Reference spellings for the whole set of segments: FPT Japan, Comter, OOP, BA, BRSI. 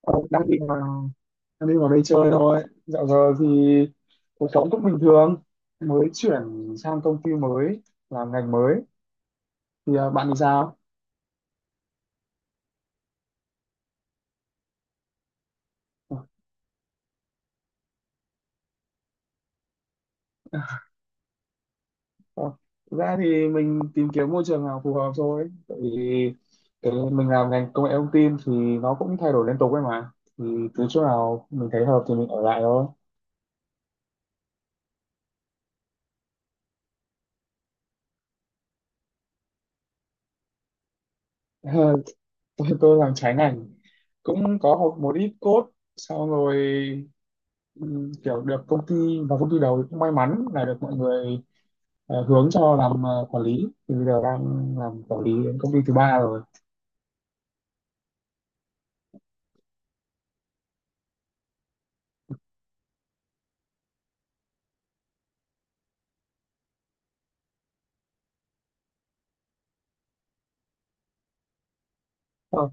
Ờ, đang định vào đây chơi thôi. Dạo giờ thì cuộc sống cũng bình thường, mới chuyển sang công ty mới, làm ngành mới. Bạn thì sao? Ờ, ờ, Thực ra thì mình tìm kiếm môi trường nào phù hợp thôi, tại vì cái mình làm ngành công nghệ thông tin thì nó cũng thay đổi liên tục ấy mà, thì cứ chỗ nào mình thấy hợp thì mình ở lại thôi. Tôi làm trái ngành, cũng có học một ít code, xong rồi kiểu được công ty, và công ty đầu cũng may mắn là được mọi người hướng cho làm quản lý, thì bây giờ đang làm quản lý đến công ty thứ ba rồi. Ờ,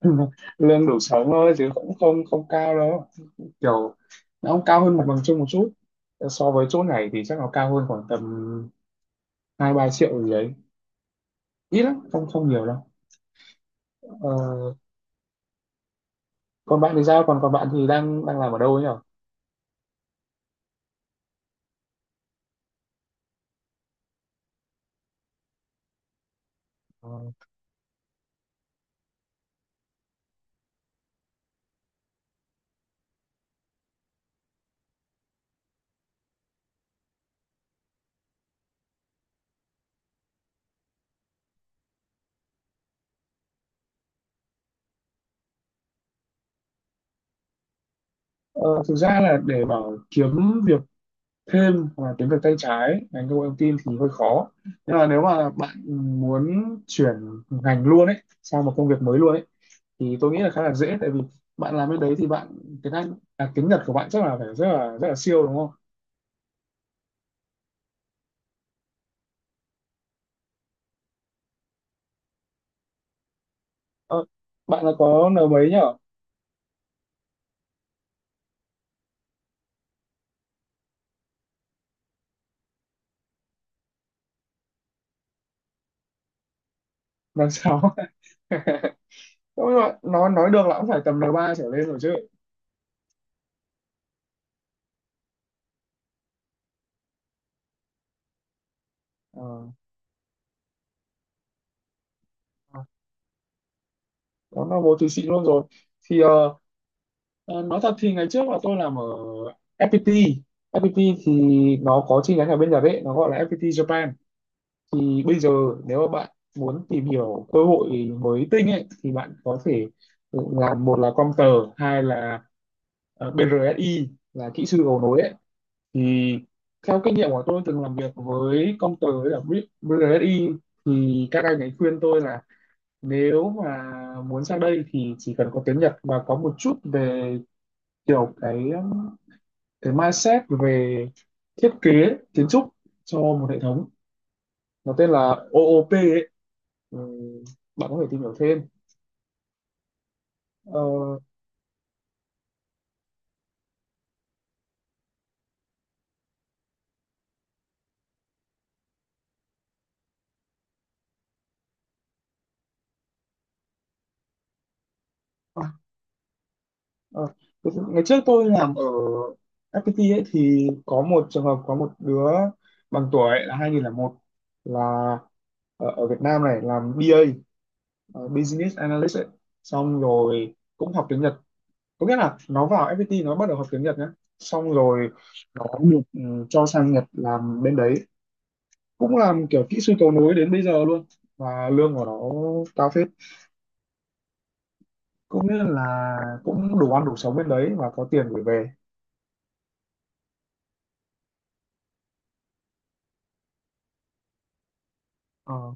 lương đủ sống thôi chứ cũng không không cao đâu, kiểu nó cũng cao hơn mặt bằng chung một chút. Ờ, so với chỗ này thì chắc nó cao hơn khoảng tầm 2-3 triệu gì đấy, ít lắm, không không nhiều đâu. Ờ, còn bạn thì sao? Còn còn bạn thì đang đang làm ở đâu ấy nhỉ? Ờ, thực ra là để bảo kiếm việc thêm hoặc là tiếng Việt tay trái ngành công nghệ thông tin thì hơi khó, nhưng mà nếu mà bạn muốn chuyển ngành luôn ấy, sang một công việc mới luôn ấy, thì tôi nghĩ là khá là dễ, tại vì bạn làm bên đấy thì bạn tiếng Anh tiếng Nhật của bạn chắc là phải rất là siêu đúng không? ờ, Bạn là có N mấy nhở? N6. Đúng rồi, nói được là cũng phải tầm N3 trở lên rồi chứ. Ờ, có N1 thì xịn luôn rồi. Thì Ờ, nói thật thì ngày trước là tôi làm ở FPT. FPT thì nó có chi nhánh ở bên Nhật ấy, nó gọi là FPT Japan. Thì bây giờ nếu mà bạn muốn tìm hiểu cơ hội mới tinh ấy thì bạn có thể làm, một là Comter, hai là BRSI là kỹ sư cầu nối ấy. Thì theo kinh nghiệm của tôi từng làm việc với Comter với cả BRSI thì các anh ấy khuyên tôi là nếu mà muốn sang đây thì chỉ cần có tiếng Nhật và có một chút về kiểu cái mindset về thiết kế, kiến trúc cho một hệ thống, nó tên là OOP ấy. Ừ, bạn có thể tìm hiểu thêm. ờ, à, à, Ngày trước tôi làm ở FPT ấy, thì có một trường hợp có một đứa bằng tuổi là 2001, là ở Việt Nam này làm BA, Business Analyst ấy. Xong rồi cũng học tiếng Nhật, có nghĩa là nó vào FPT nó bắt đầu học tiếng Nhật nhé, xong rồi nó được cho sang Nhật làm bên đấy, cũng làm kiểu kỹ sư cầu nối đến bây giờ luôn, và lương của nó cao phết. Cũng nghĩa là cũng đủ ăn đủ sống bên đấy và có tiền gửi về. Ờ.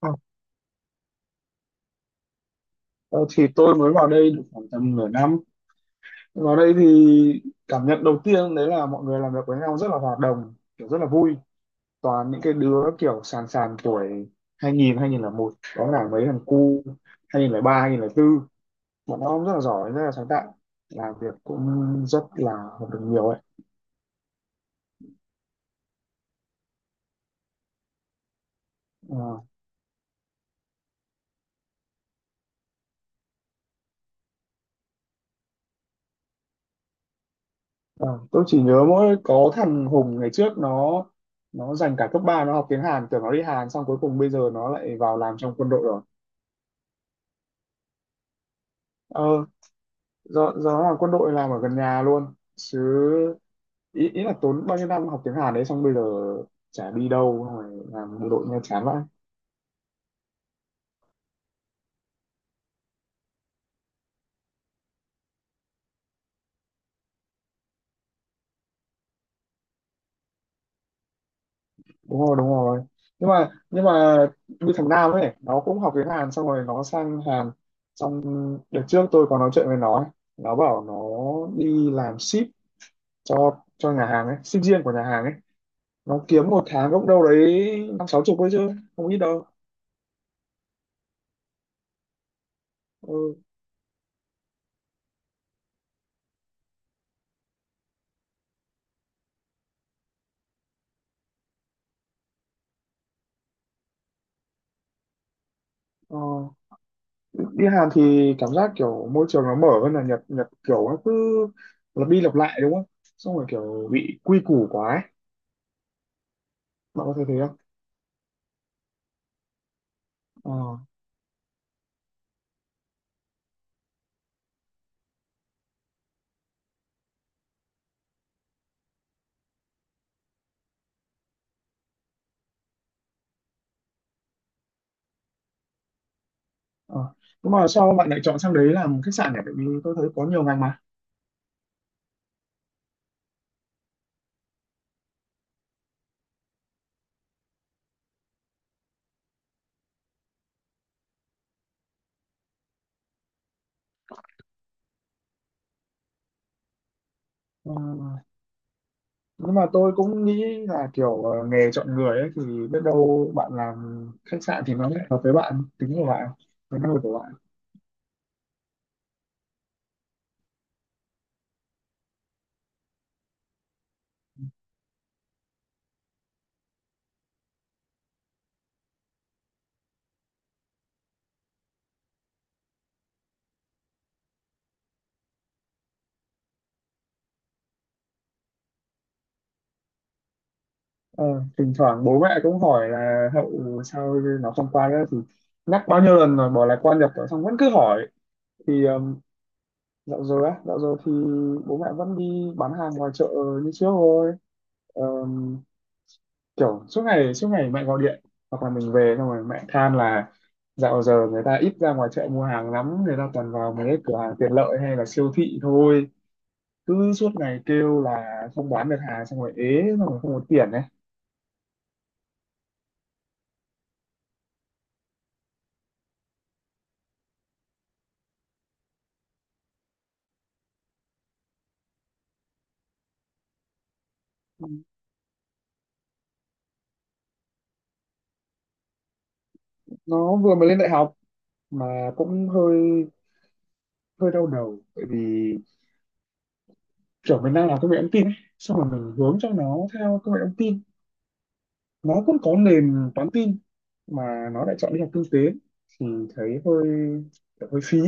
Ờ, ờ, thì tôi mới vào đây được khoảng tầm nửa năm. Vào đây thì cảm nhận đầu tiên đấy là mọi người làm việc với nhau rất là hòa đồng, kiểu rất là vui, toàn những cái đứa kiểu sàn sàn tuổi 2000 một, có cả mấy thằng cu 2003 bốn. Bọn nó rất là giỏi, rất là sáng tạo, làm việc cũng rất là học được nhiều ấy. Ờ, Ờ, tôi chỉ nhớ mỗi có thằng Hùng, ngày trước nó dành cả cấp ba nó học tiếng Hàn, tưởng nó đi Hàn, xong cuối cùng bây giờ nó lại vào làm trong quân đội rồi. Ờ, do nó làm quân đội làm ở gần nhà luôn chứ. Ý là tốn bao nhiêu năm học tiếng Hàn đấy xong bây giờ chả đi đâu, xong rồi làm bộ đội nghe chán vậy. Đúng rồi, đúng rồi, nhưng mà như thằng Nam ấy, nó cũng học tiếng Hàn xong rồi nó sang Hàn. Xong đợt trước tôi có nói chuyện với nó ấy. Nó bảo nó đi làm ship cho nhà hàng ấy, sinh viên của nhà hàng ấy, nó kiếm một tháng gốc đâu đấy năm sáu chục thôi chứ không ít đâu. Ừ. Ờ. Đi Hàn thì cảm giác kiểu môi trường nó mở hơn là Nhật. Nhật kiểu nó cứ lặp đi lặp lại đúng không? Xong rồi kiểu bị quy củ quá ấy. Bạn có thấy thế không? Ờ. Ờ. Nhưng mà sao bạn lại chọn sang đấy làm khách sạn nhỉ? Tại vì tôi thấy có nhiều ngành mà. Ờ. Nhưng mà tôi cũng nghĩ là kiểu nghề chọn người ấy, thì biết đâu bạn làm khách sạn thì nó lại hợp với bạn, tính của bạn, với năng lực của bạn. Ờ, thỉnh thoảng bố mẹ cũng hỏi là Hậu sao nó không qua nữa, thì nhắc bao nhiêu lần rồi bỏ là qua Nhật rồi xong vẫn cứ hỏi. Thì dạo rồi á, dạo rồi thì bố mẹ vẫn đi bán hàng ngoài chợ như trước thôi. Ờm, Kiểu suốt ngày mẹ gọi điện, hoặc là mình về xong rồi mẹ than là dạo giờ người ta ít ra ngoài chợ mua hàng lắm, người ta toàn vào mấy cái cửa hàng tiện lợi hay là siêu thị thôi, cứ suốt ngày kêu là không bán được hàng, xong rồi ế, xong rồi không có tiền ấy. Nó vừa mới lên đại học mà cũng hơi hơi đau đầu, bởi vì kiểu mình đang làm công nghệ thông tin ấy, xong rồi mình hướng cho nó theo công nghệ thông tin, nó cũng có nền toán tin, mà nó lại chọn đi học kinh tế, thì thấy hơi kiểu hơi phí.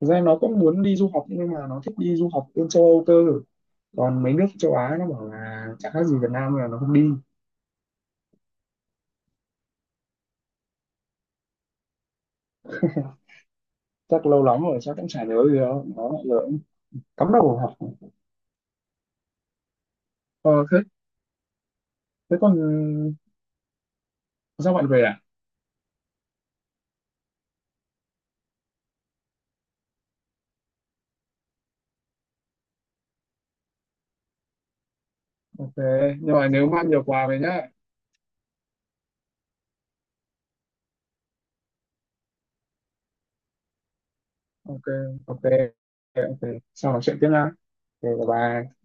Thực ra nó cũng muốn đi du học, nhưng mà nó thích đi du học bên châu Âu cơ, còn mấy nước châu Á nó bảo là chẳng khác gì Việt Nam nên là nó không đi. Chắc lâu lắm rồi chắc cũng chả nhớ gì đâu, nó lại lỡ cắm đầu vào học. Ờ thế Thế còn, sao bạn về à? Ok, nhưng mà nhớ mang nhiều quà về nhá. Ok. Ok. Ok, sau nói chuyện tiếp nha. Ok, bye bye.